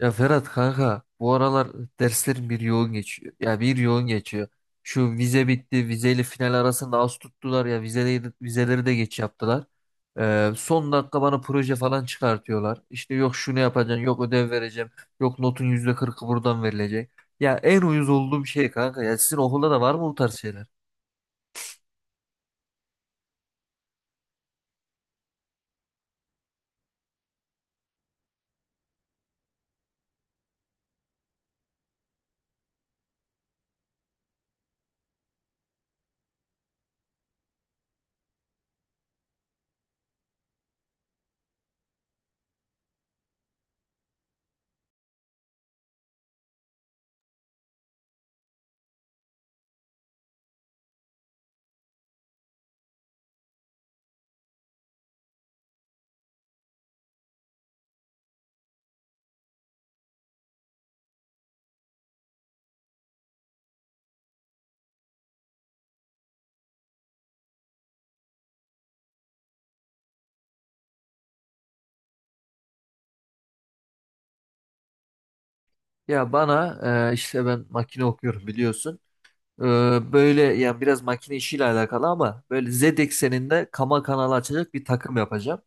Ya Ferhat kanka bu aralar derslerim bir yoğun geçiyor. Ya bir yoğun geçiyor. Şu vize bitti. Vizeyle final arasında az tuttular ya. Vizeleri de geç yaptılar. Son dakika bana proje falan çıkartıyorlar. İşte yok şunu yapacaksın, yok ödev vereceğim, yok notun %40'ı buradan verilecek. Ya en uyuz olduğum şey kanka. Ya sizin okulda da var mı bu tarz şeyler? Ya bana işte ben makine okuyorum biliyorsun. Ee, Böyle yani biraz makine işiyle alakalı ama böyle Z ekseninde kama kanalı açacak bir takım yapacağım.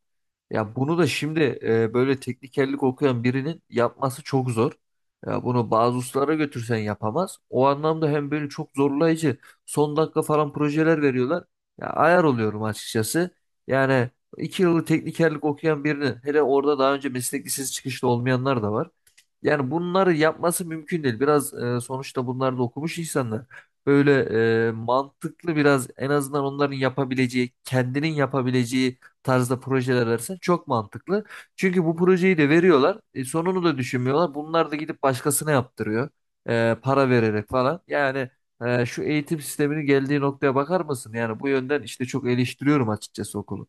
Ya bunu da şimdi böyle teknikerlik okuyan birinin yapması çok zor. Ya bunu bazı ustalara götürsen yapamaz. O anlamda hem böyle çok zorlayıcı son dakika falan projeler veriyorlar. Ya ayar oluyorum açıkçası. Yani iki yıllık teknikerlik okuyan birinin hele orada daha önce meslek lisesi çıkışlı olmayanlar da var. Yani bunları yapması mümkün değil. Biraz sonuçta bunlar da okumuş insanlar. Böyle mantıklı biraz en azından onların yapabileceği, kendinin yapabileceği tarzda projeler versen çok mantıklı. Çünkü bu projeyi de veriyorlar. Sonunu da düşünmüyorlar. Bunlar da gidip başkasına yaptırıyor. Para vererek falan. Yani şu eğitim sisteminin geldiği noktaya bakar mısın? Yani bu yönden işte çok eleştiriyorum açıkçası okulu.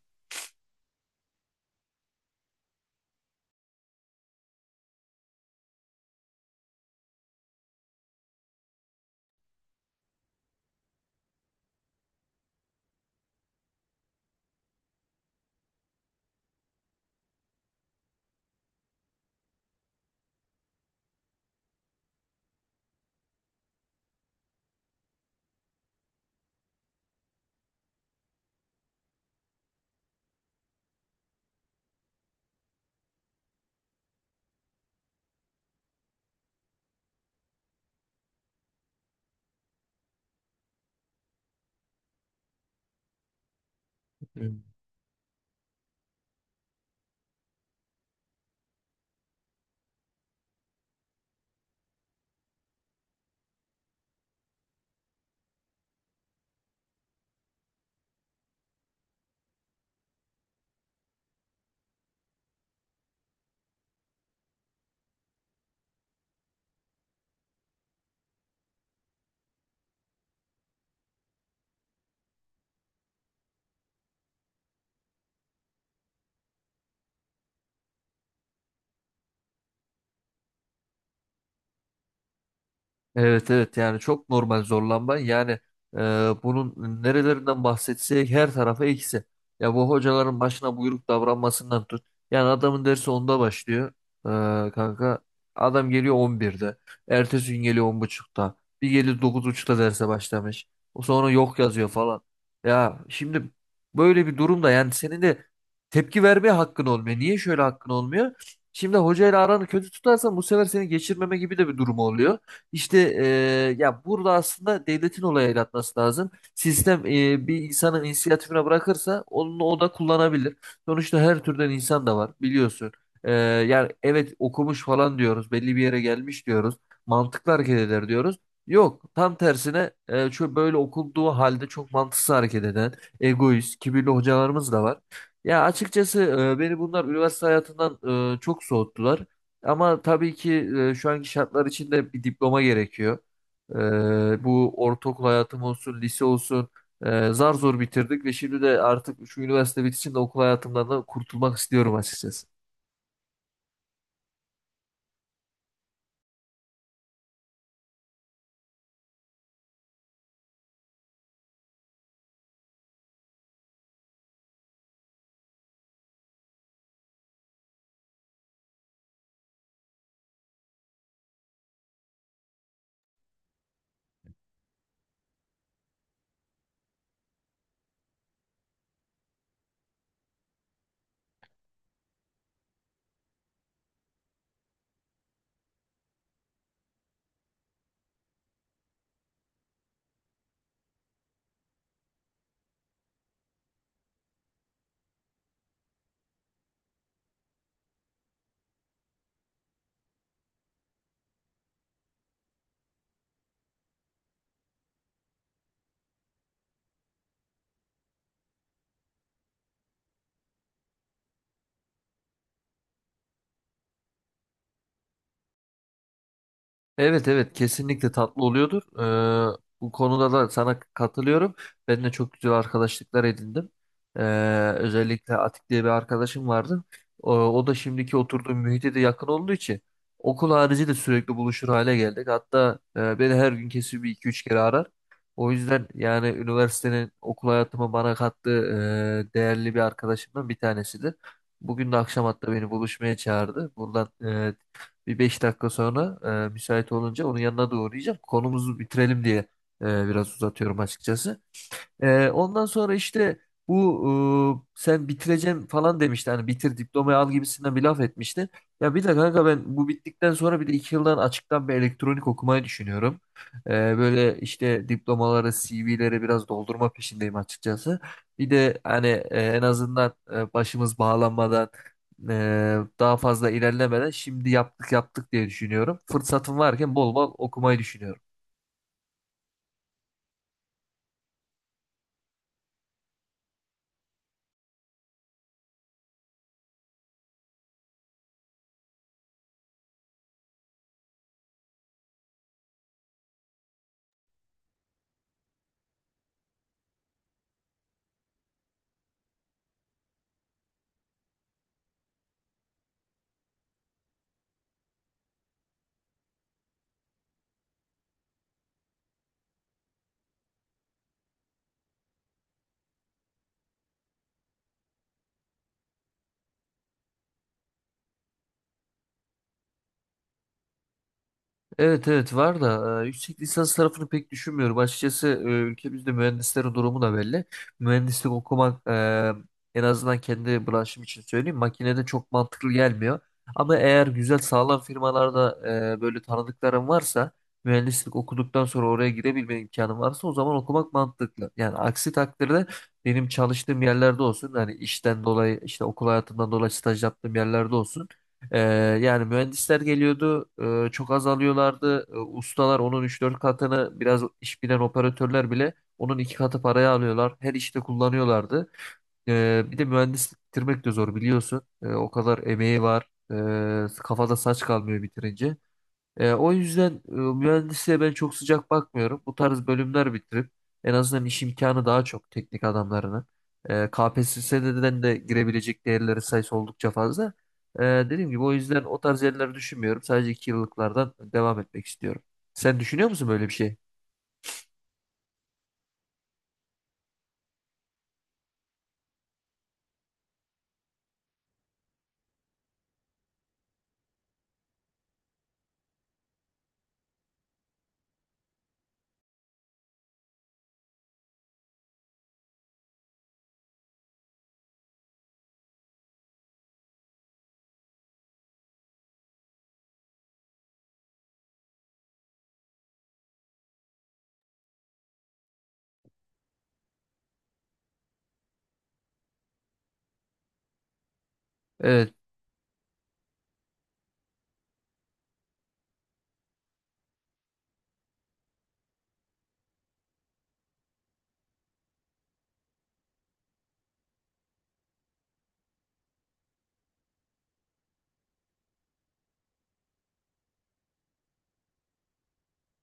Evet, evet, yani çok normal zorlanma yani e, bunun nerelerinden bahsetsek her tarafa eksi. Ya bu hocaların başına buyruk davranmasından tut. Yani adamın dersi 10'da başlıyor kanka. Adam geliyor 11'de. Ertesi gün geliyor 10.30'da. Bir geliyor 9.30'da derse başlamış. O sonra yok yazıyor falan. Ya şimdi böyle bir durumda yani senin de tepki vermeye hakkın olmuyor. Niye şöyle hakkın olmuyor? Şimdi hocayla aranı kötü tutarsan bu sefer seni geçirmeme gibi de bir durum oluyor. İşte ya burada aslında devletin olaya el atması lazım. Sistem bir insanın inisiyatifine bırakırsa onu o da kullanabilir. Sonuçta her türden insan da var biliyorsun. Yani evet okumuş falan diyoruz, belli bir yere gelmiş diyoruz, mantıklı hareket eder diyoruz. Yok, tam tersine şu böyle okunduğu halde çok mantıksız hareket eden, egoist, kibirli hocalarımız da var. Ya açıkçası beni bunlar üniversite hayatından çok soğuttular. Ama tabii ki şu anki şartlar içinde bir diploma gerekiyor. Bu ortaokul hayatım olsun, lise olsun zar zor bitirdik ve şimdi de artık şu üniversite bitişinde okul hayatımdan da kurtulmak istiyorum açıkçası. Evet, evet, kesinlikle tatlı oluyordur. Bu konuda da sana katılıyorum. Ben de çok güzel arkadaşlıklar edindim. Ee, Özellikle Atik diye bir arkadaşım vardı. O da şimdiki oturduğum mühite de yakın olduğu için okul harici de sürekli buluşur hale geldik. Hatta beni her gün kesin bir iki üç kere arar. O yüzden yani üniversitenin okul hayatıma bana kattığı değerli bir arkadaşımdan bir tanesidir. Bugün de akşam hatta beni buluşmaya çağırdı. Buradan bir 5 dakika sonra müsait olunca onun yanına da uğrayacağım. Konumuzu bitirelim diye biraz uzatıyorum açıkçası. Ondan sonra işte bu sen bitireceğim falan demişti. Hani bitir diplomayı al gibisinden bir laf etmişti. Ya bir de kanka ben bu bittikten sonra bir de 2 yıldan açıktan bir elektronik okumayı düşünüyorum. Ee, Böyle işte diplomaları, CV'leri biraz doldurma peşindeyim açıkçası. Bir de hani en azından başımız bağlanmadan daha fazla ilerlemeden şimdi yaptık yaptık diye düşünüyorum. Fırsatım varken bol bol okumayı düşünüyorum. Evet, evet, var da yüksek lisans tarafını pek düşünmüyorum. Açıkçası ülkemizde mühendislerin durumu da belli. Mühendislik okumak en azından kendi branşım için söyleyeyim makinede çok mantıklı gelmiyor. Ama eğer güzel sağlam firmalarda böyle tanıdıkların varsa mühendislik okuduktan sonra oraya girebilme imkanın varsa o zaman okumak mantıklı. Yani aksi takdirde benim çalıştığım yerlerde olsun hani işten dolayı işte okul hayatımdan dolayı staj yaptığım yerlerde olsun. Ee, Yani mühendisler geliyordu, çok az alıyorlardı. Ustalar onun üç dört katını, biraz iş bilen operatörler bile onun 2 katı paraya alıyorlar. Her işte kullanıyorlardı. Bir de mühendislik bitirmek de zor biliyorsun. O kadar emeği var. Kafada saç kalmıyor bitirince. O yüzden mühendisliğe ben çok sıcak bakmıyorum. Bu tarz bölümler bitirip en azından iş imkanı daha çok teknik adamlarına. KPSS'den de girebilecek değerleri sayısı oldukça fazla. Dediğim gibi o yüzden o tarz yerleri düşünmüyorum. Sadece 2 yıllıklardan devam etmek istiyorum. Sen düşünüyor musun böyle bir şey? Evet.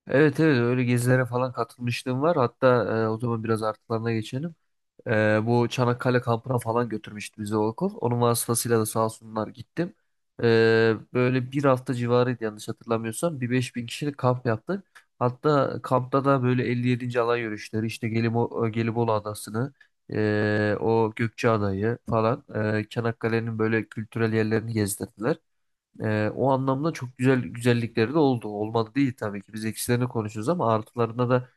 Evet, evet, öyle gezilere falan katılmışlığım var. Hatta o zaman biraz artılarına geçelim. Bu Çanakkale kampına falan götürmüştü bizi o okul. Onun vasıtasıyla da sağ olsunlar gittim. Böyle bir hafta civarıydı yanlış hatırlamıyorsam. Bir 5.000 kişilik kamp yaptık. Hatta kampta da böyle 57. alay yürüyüşleri işte Gelibolu Adası'nı o Gökçeada'yı falan Çanakkale'nin böyle kültürel yerlerini gezdirdiler. O anlamda çok güzel güzellikleri de oldu. Olmadı değil tabii ki. Biz eksilerini konuşuyoruz ama artılarına da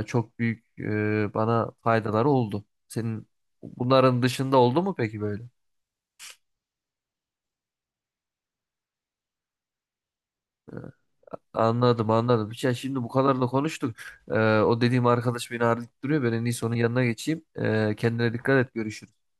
çok büyük bana faydaları oldu. Senin bunların dışında oldu mu peki böyle? Anladım anladım. Ya şimdi bu kadar da konuştuk. O dediğim arkadaş beni arayıp duruyor. Ben en iyisi onun yanına geçeyim. Kendine dikkat et. Görüşürüz.